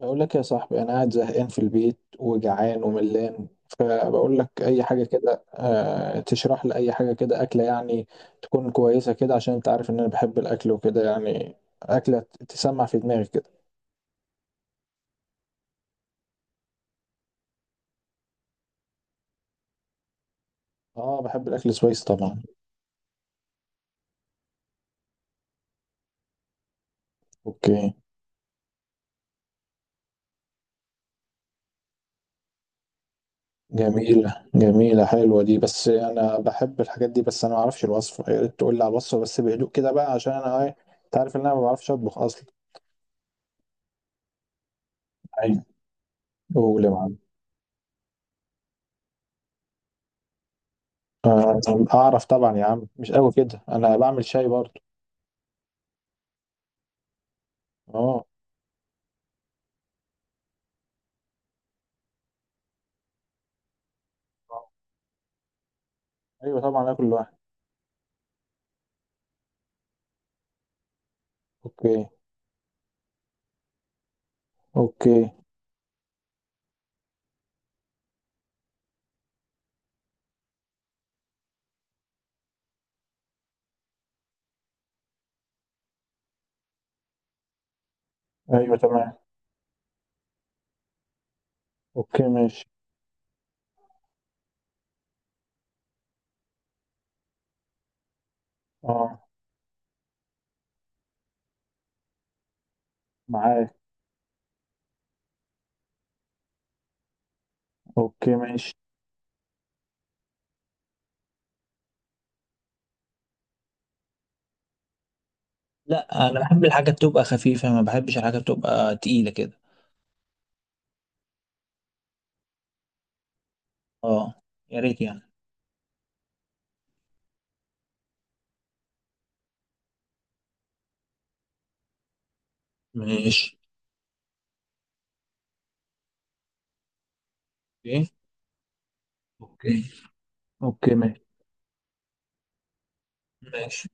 بقول لك يا صاحبي، انا قاعد زهقان في البيت وجعان وملان. فبقول لك اي حاجه كده، تشرح لي اي حاجه كده اكله يعني، تكون كويسه كده. عشان انت عارف ان انا بحب الاكل وكده يعني. اكله تسمع في دماغي كده. اه، بحب الاكل سويس طبعا. اوكي. جميله جميله، حلوه دي. بس انا بحب الحاجات دي. بس انا ما اعرفش الوصفه، يا ريت تقول لي على الوصفه بس بهدوء كده بقى، عشان انا ايه، انت عارف ان انا ما بعرفش اطبخ اصلا. ايوه، قول يا معلم. آه، اعرف طبعا يا عم، مش قوي كده، انا بعمل شاي برضه. اه. ايوه طبعا، اكل لوحدي. اوكي. اوكي. ايوه تمام. اوكي ماشي. اه. معاك. اوكي ماشي. لا، انا بحب الحاجات تبقى خفيفه، ما بحبش الحاجات تبقى تقيله كده. اه، يا ريت يعني. ماشي. اوكي. اوكي. اوكي ماشي.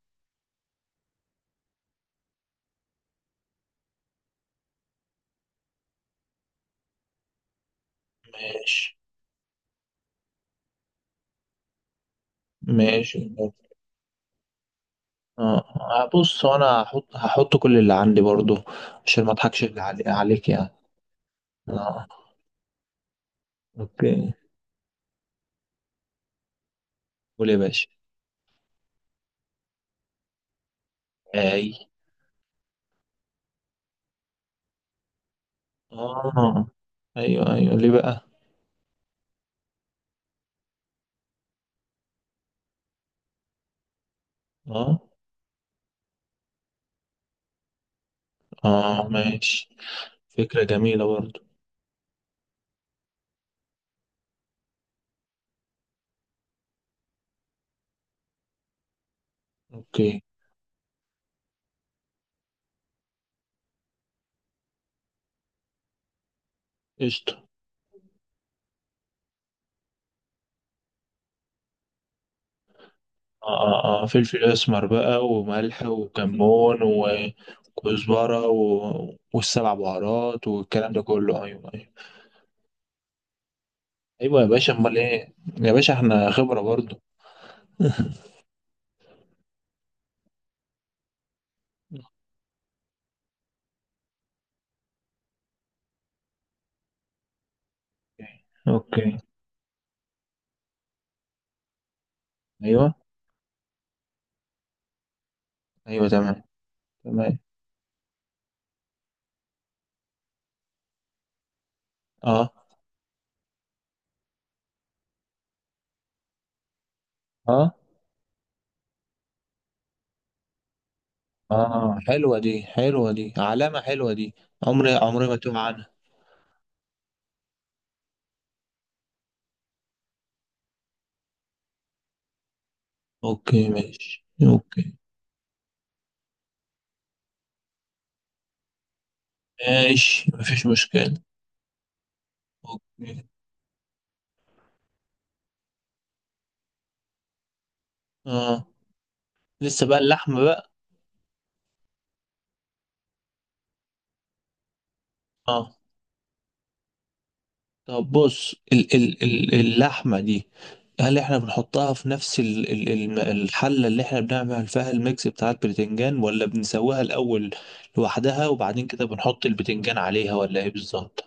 ماشي ماشي ماشي. اه بص، انا هحط كل اللي عندي برضو، عشان ما اضحكش عليك يعني. اه. اوكي. قول يا باشا. اي. اه. ايوه ايوه، ليه بقى. اه. اه ماشي، فكرة جميلة برضو. اوكي. قشطة. اه اه اه، فلفل اسمر بقى وملح وكمون وكزبرة والسبع بهارات والكلام ده كله. ايوه ايوه ايوه يا باشا، امال ايه. يا باشا احنا خبرة برضو. اوكي. اوكي. ايوه ايوه، تمام تمام. اه اه اه، حلوة دي حلوة دي، علامة حلوة دي. عمري عمري ما تقع عنها. اوكي ماشي. اوكي ماشي، مفيش مشكلة. اوكي. اه، لسه بقى اللحمة بقى. اه طب بص، ال اللحمة دي، هل احنا بنحطها في نفس ال الحلة اللي احنا بنعمل فيها الميكس بتاع البتنجان، ولا بنسويها الأول لوحدها وبعدين كده بنحط البتنجان عليها، ولا ايه بالظبط؟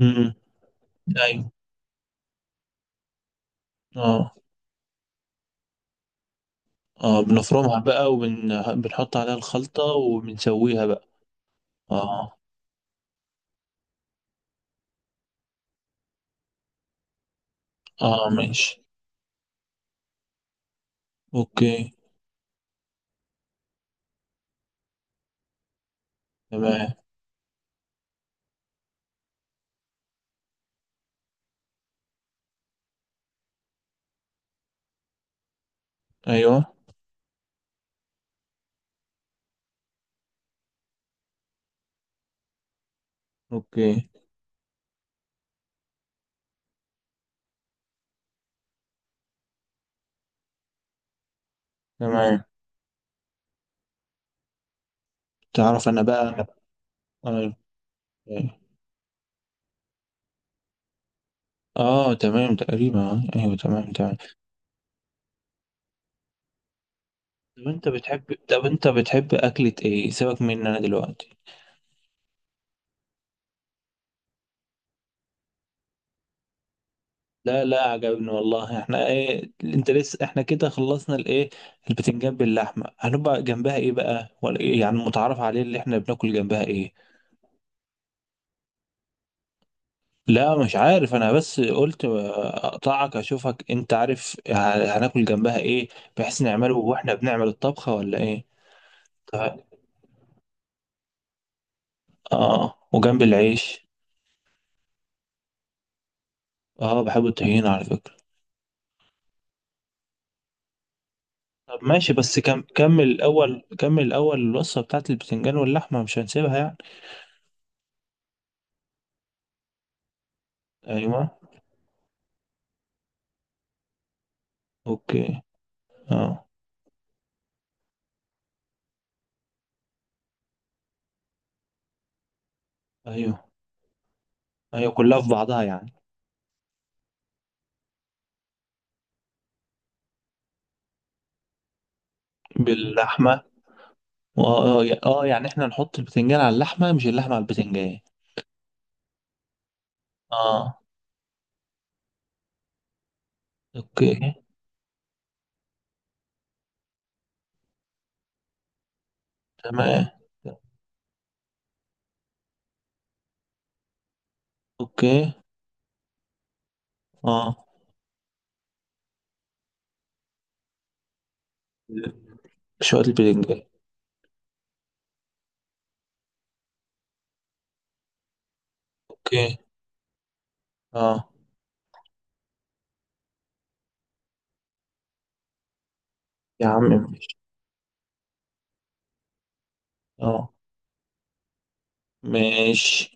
امم، ايوه. اه اه، بنفرمها بقى وبنحط عليها الخلطة وبنسويها بقى. اه. اه ماشي. اوكي. تمام. ايوه. اوكي. تمام. تعرف انا بقى. انا ايوه. أيوة. اه تمام تقريبا، ايوه تمام تمام. طب انت بتحب اكلة ايه، سيبك مني انا دلوقتي. لا لا، عجبني والله. احنا ايه، انت لسه احنا كده خلصنا الايه. البتنجان باللحمة هنبقى جنبها ايه بقى، ولا إيه؟ يعني متعارف عليه اللي احنا بناكل جنبها ايه. لا مش عارف انا، بس قلت اقطعك اشوفك انت عارف هناكل جنبها ايه، بحيث نعمله واحنا بنعمل الطبخة، ولا ايه. طيب. اه وجنب العيش. اه بحب الطحينة على فكرة. طب ماشي، بس كمل الأول كمل الأول الوصفة بتاعت البتنجان واللحمة مش هنسيبها يعني. أيوة. أوكي. اه. أيوة أيوة، كلها في بعضها يعني. باللحمة. يعني احنا نحط البتنجان على اللحمة، مش اللحمة على البتنجان. اه. أوكي تمام. أوكي. اه، شوية البتنجان. أوكي. اه. يا عم ماشي. اه ماشي.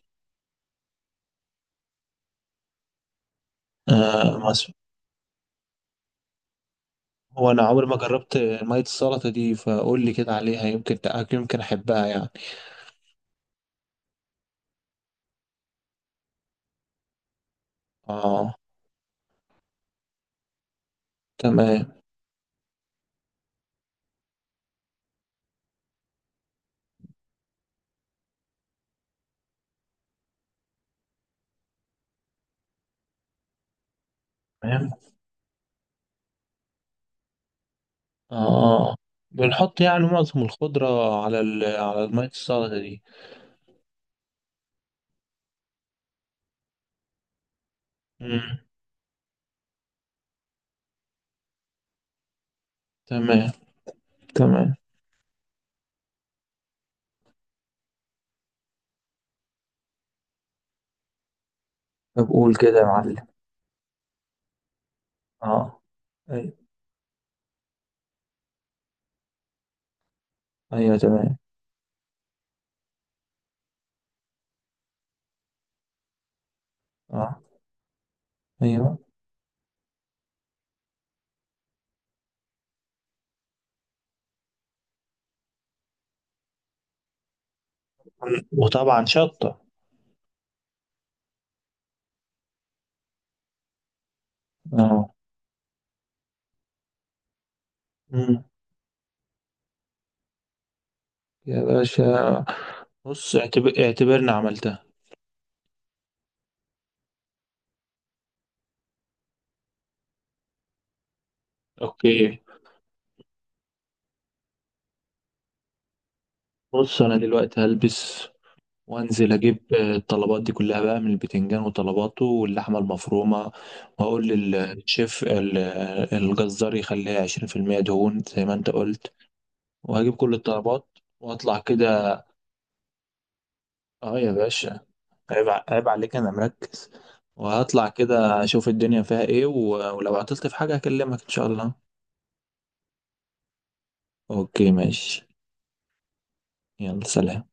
آه هو انا عمري ما جربت ميه السلطه دي، فقول لي كده عليها، يمكن تأكل يمكن احبها يعني. اه. تمام تمام. اه، بنحط يعني معظم الخضره على على ميه السلطه دي. مم. تمام. تمام. طب قول كده يا معلم. اه. ايوه ايوه تمام. اه. ايوه، وطبعا شطه. اه. مم. يا باشا. بص، اعتبرنا عملتها. اوكي. بص انا دلوقتي هلبس وانزل اجيب الطلبات دي كلها بقى، من البتنجان وطلباته واللحمه المفرومه، واقول للشيف الجزار يخليها 20% دهون زي ما انت قلت، وهجيب كل الطلبات واطلع كده. اه يا باشا. عيب عيب عليك، انا مركز. وهطلع كده اشوف الدنيا فيها ايه، ولو عطلت في حاجه هكلمك ان شاء الله. اوكي ماشي. يلا سلام.